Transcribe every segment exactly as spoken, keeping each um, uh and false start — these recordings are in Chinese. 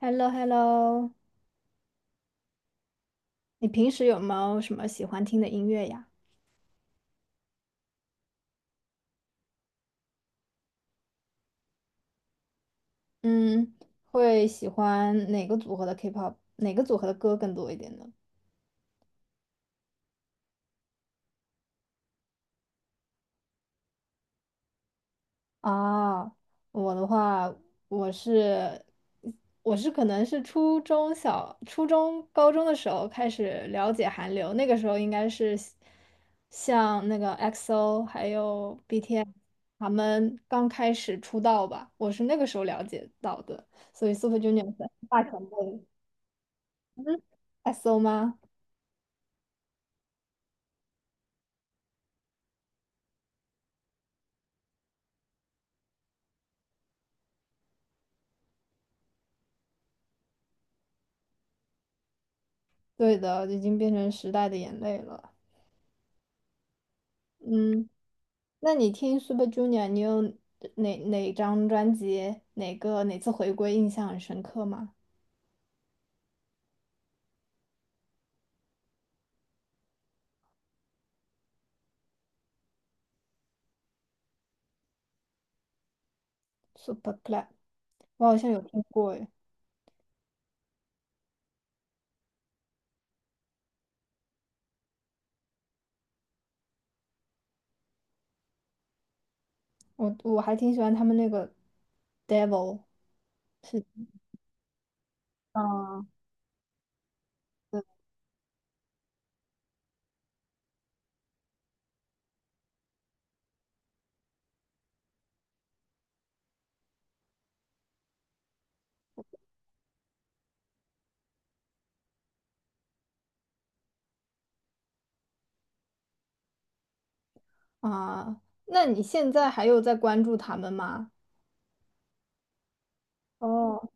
h e l l o h e l l o。 你平时有没有什么喜欢听的音乐呀？嗯，会喜欢哪个组合的 K-pop，哪个组合的歌更多一点呢？啊，我的话，我是我是可能是初中小、初中、高中的时候开始了解韩流，那个时候应该是像像那个 x o 还有 B T S 他们刚开始出道吧，我是那个时候了解到的，所以 Super Junior 是大前辈。嗯，S O 吗？对的，已经变成时代的眼泪了。嗯，那你听 Super Junior，你有哪哪张专辑、哪个哪次回归印象很深刻吗？Super Club，我好像有听过诶，我我还挺喜欢他们那个 Devil 是。啊啊，那你现在还有在关注他们吗？哦，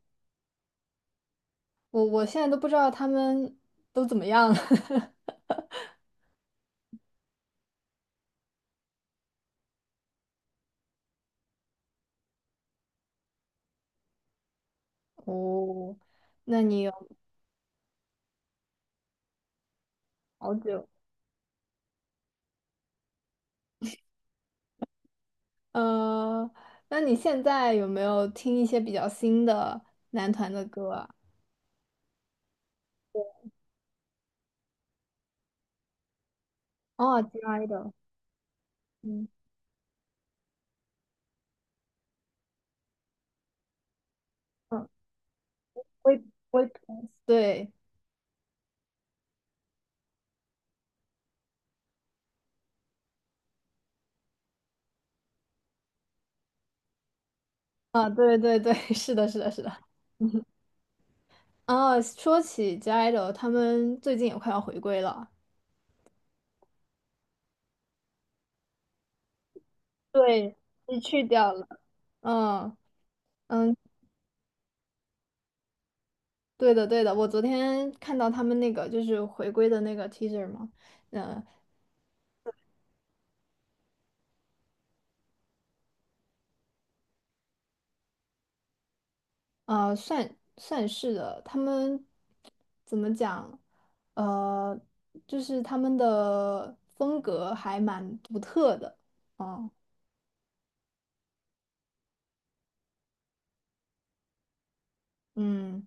我我现在都不知道他们都怎么样了。哦，那你有好久？呃，那你现在有没有听一些比较新的男团的歌啊？哦，G I d 的，嗯嗯，微微博，对啊，对对对，是的，是的，是的。啊，说起 G I.D L E，他们最近也快要回归了。对，被去掉了。嗯嗯，对的对的，我昨天看到他们那个就是回归的那个 teaser 嘛，嗯。呃，算算是的，他们怎么讲？呃，就是他们的风格还蛮独特的。哦，嗯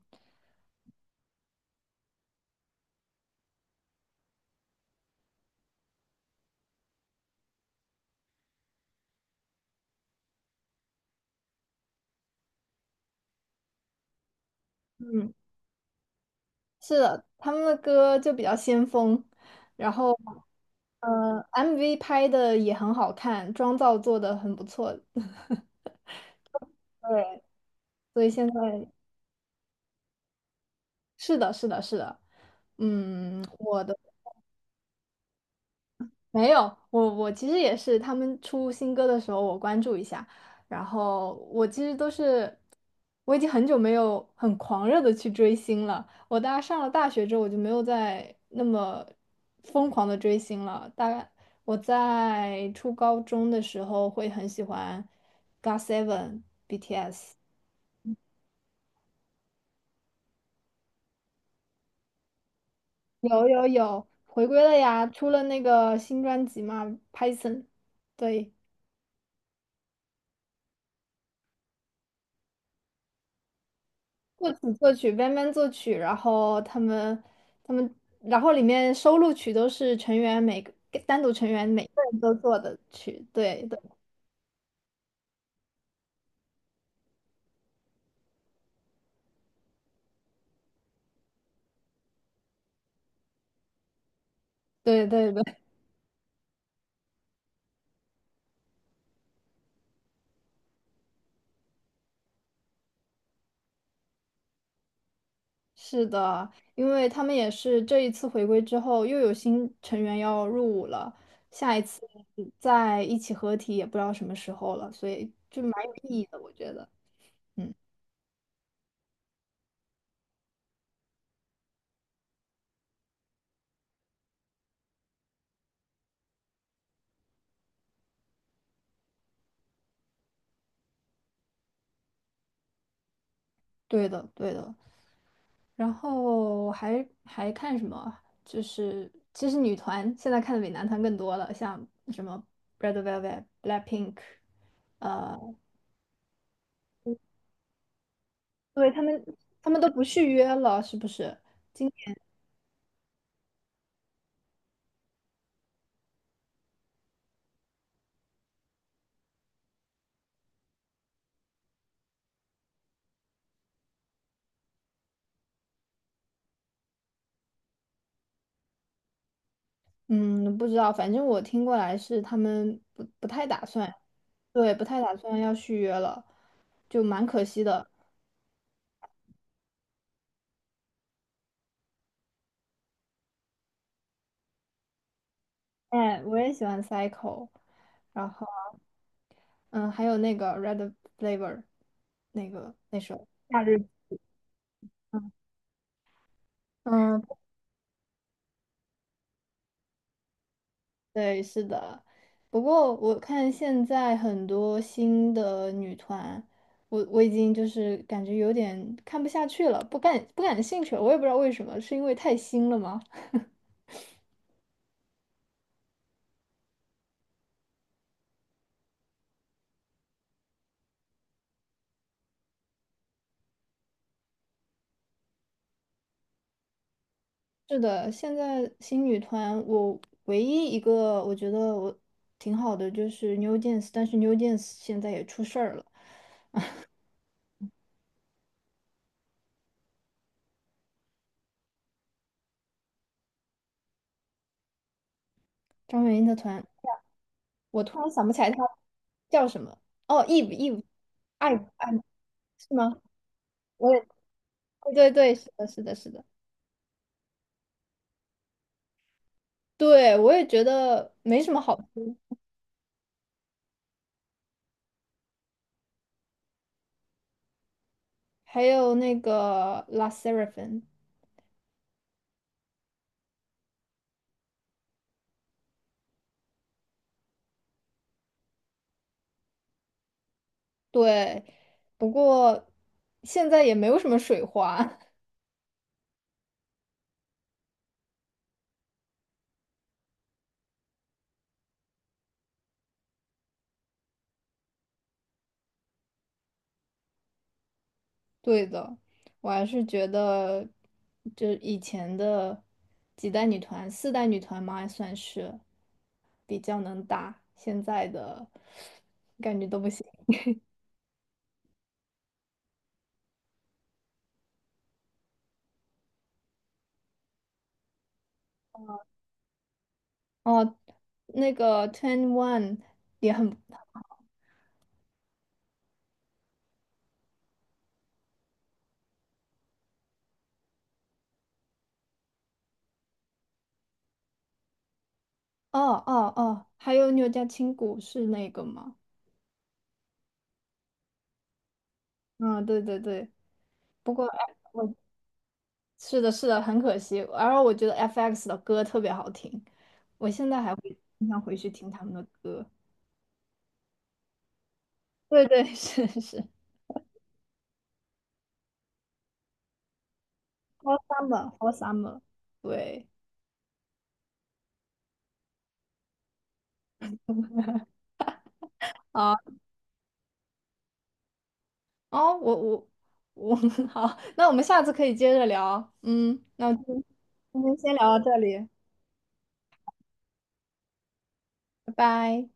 嗯，是的，他们的歌就比较先锋，然后呃，M V 拍的也很好看，妆造做的很不错。对，所以现在是的，是的，是的，嗯，我的。没有，我我其实也是，他们出新歌的时候我关注一下，然后我其实都是，我已经很久没有很狂热的去追星了。我大概上了大学之后，我就没有再那么疯狂的追星了。大概我在初高中的时候会很喜欢 g o t seven。 有有有，回归了呀，出了那个新专辑嘛，Python，对。作曲、作曲 b a 作曲，然后他们他们，然后里面收录曲都是成员每个单独成员每个人都做的曲，对的，对对对，是的，因为他们也是这一次回归之后又有新成员要入伍了，下一次再一起合体也不知道什么时候了，所以就蛮有意义的，我觉得，嗯，对的对的。然后还还看什么？就是其实女团现在看的比男团更多了，像什么 Red Velvet、Blackpink，呃，对他们他们都不续约了，是不是？嗯，不知道，反正我听过来是他们不不太打算，对，不太打算要续约了，就蛮可惜的。哎，我也喜欢 Cycle，然后嗯，还有那个 Red Flavor 那个那首《夏日》。嗯，对，是的。不过我看现在很多新的女团，我我已经就是感觉有点看不下去了，不感不感兴趣了。我也不知道为什么，是因为太新了吗？是的，现在新女团，我唯一一个我觉得我挺好的就是 New Jeans，但是 New Jeans 现在也出事儿了。张元英的团，我突然想不起来她叫什么。哦，Eve Eve 艾是吗？我也对对对，是的，是的，是的。对，我也觉得没什么好说。还有那个 La Sserafin，t 对，不过现在也没有什么水花。对的，我还是觉得，就以前的几代女团，四代女团嘛，算是比较能打，现在的感觉都不行。哦，那个 Twenty One 也很，哦哦哦，还有你有家青骨是那个吗？嗯，对对对。不过，哎，我是的，是的，很可惜。而我觉得 F X 的歌特别好听，我现在还会经常回去听他们的歌。对对，是是，For Summer，For Summer，对啊，哦，我我我，好，那我们下次可以接着聊。嗯，那我今天今天先聊到这里，拜拜。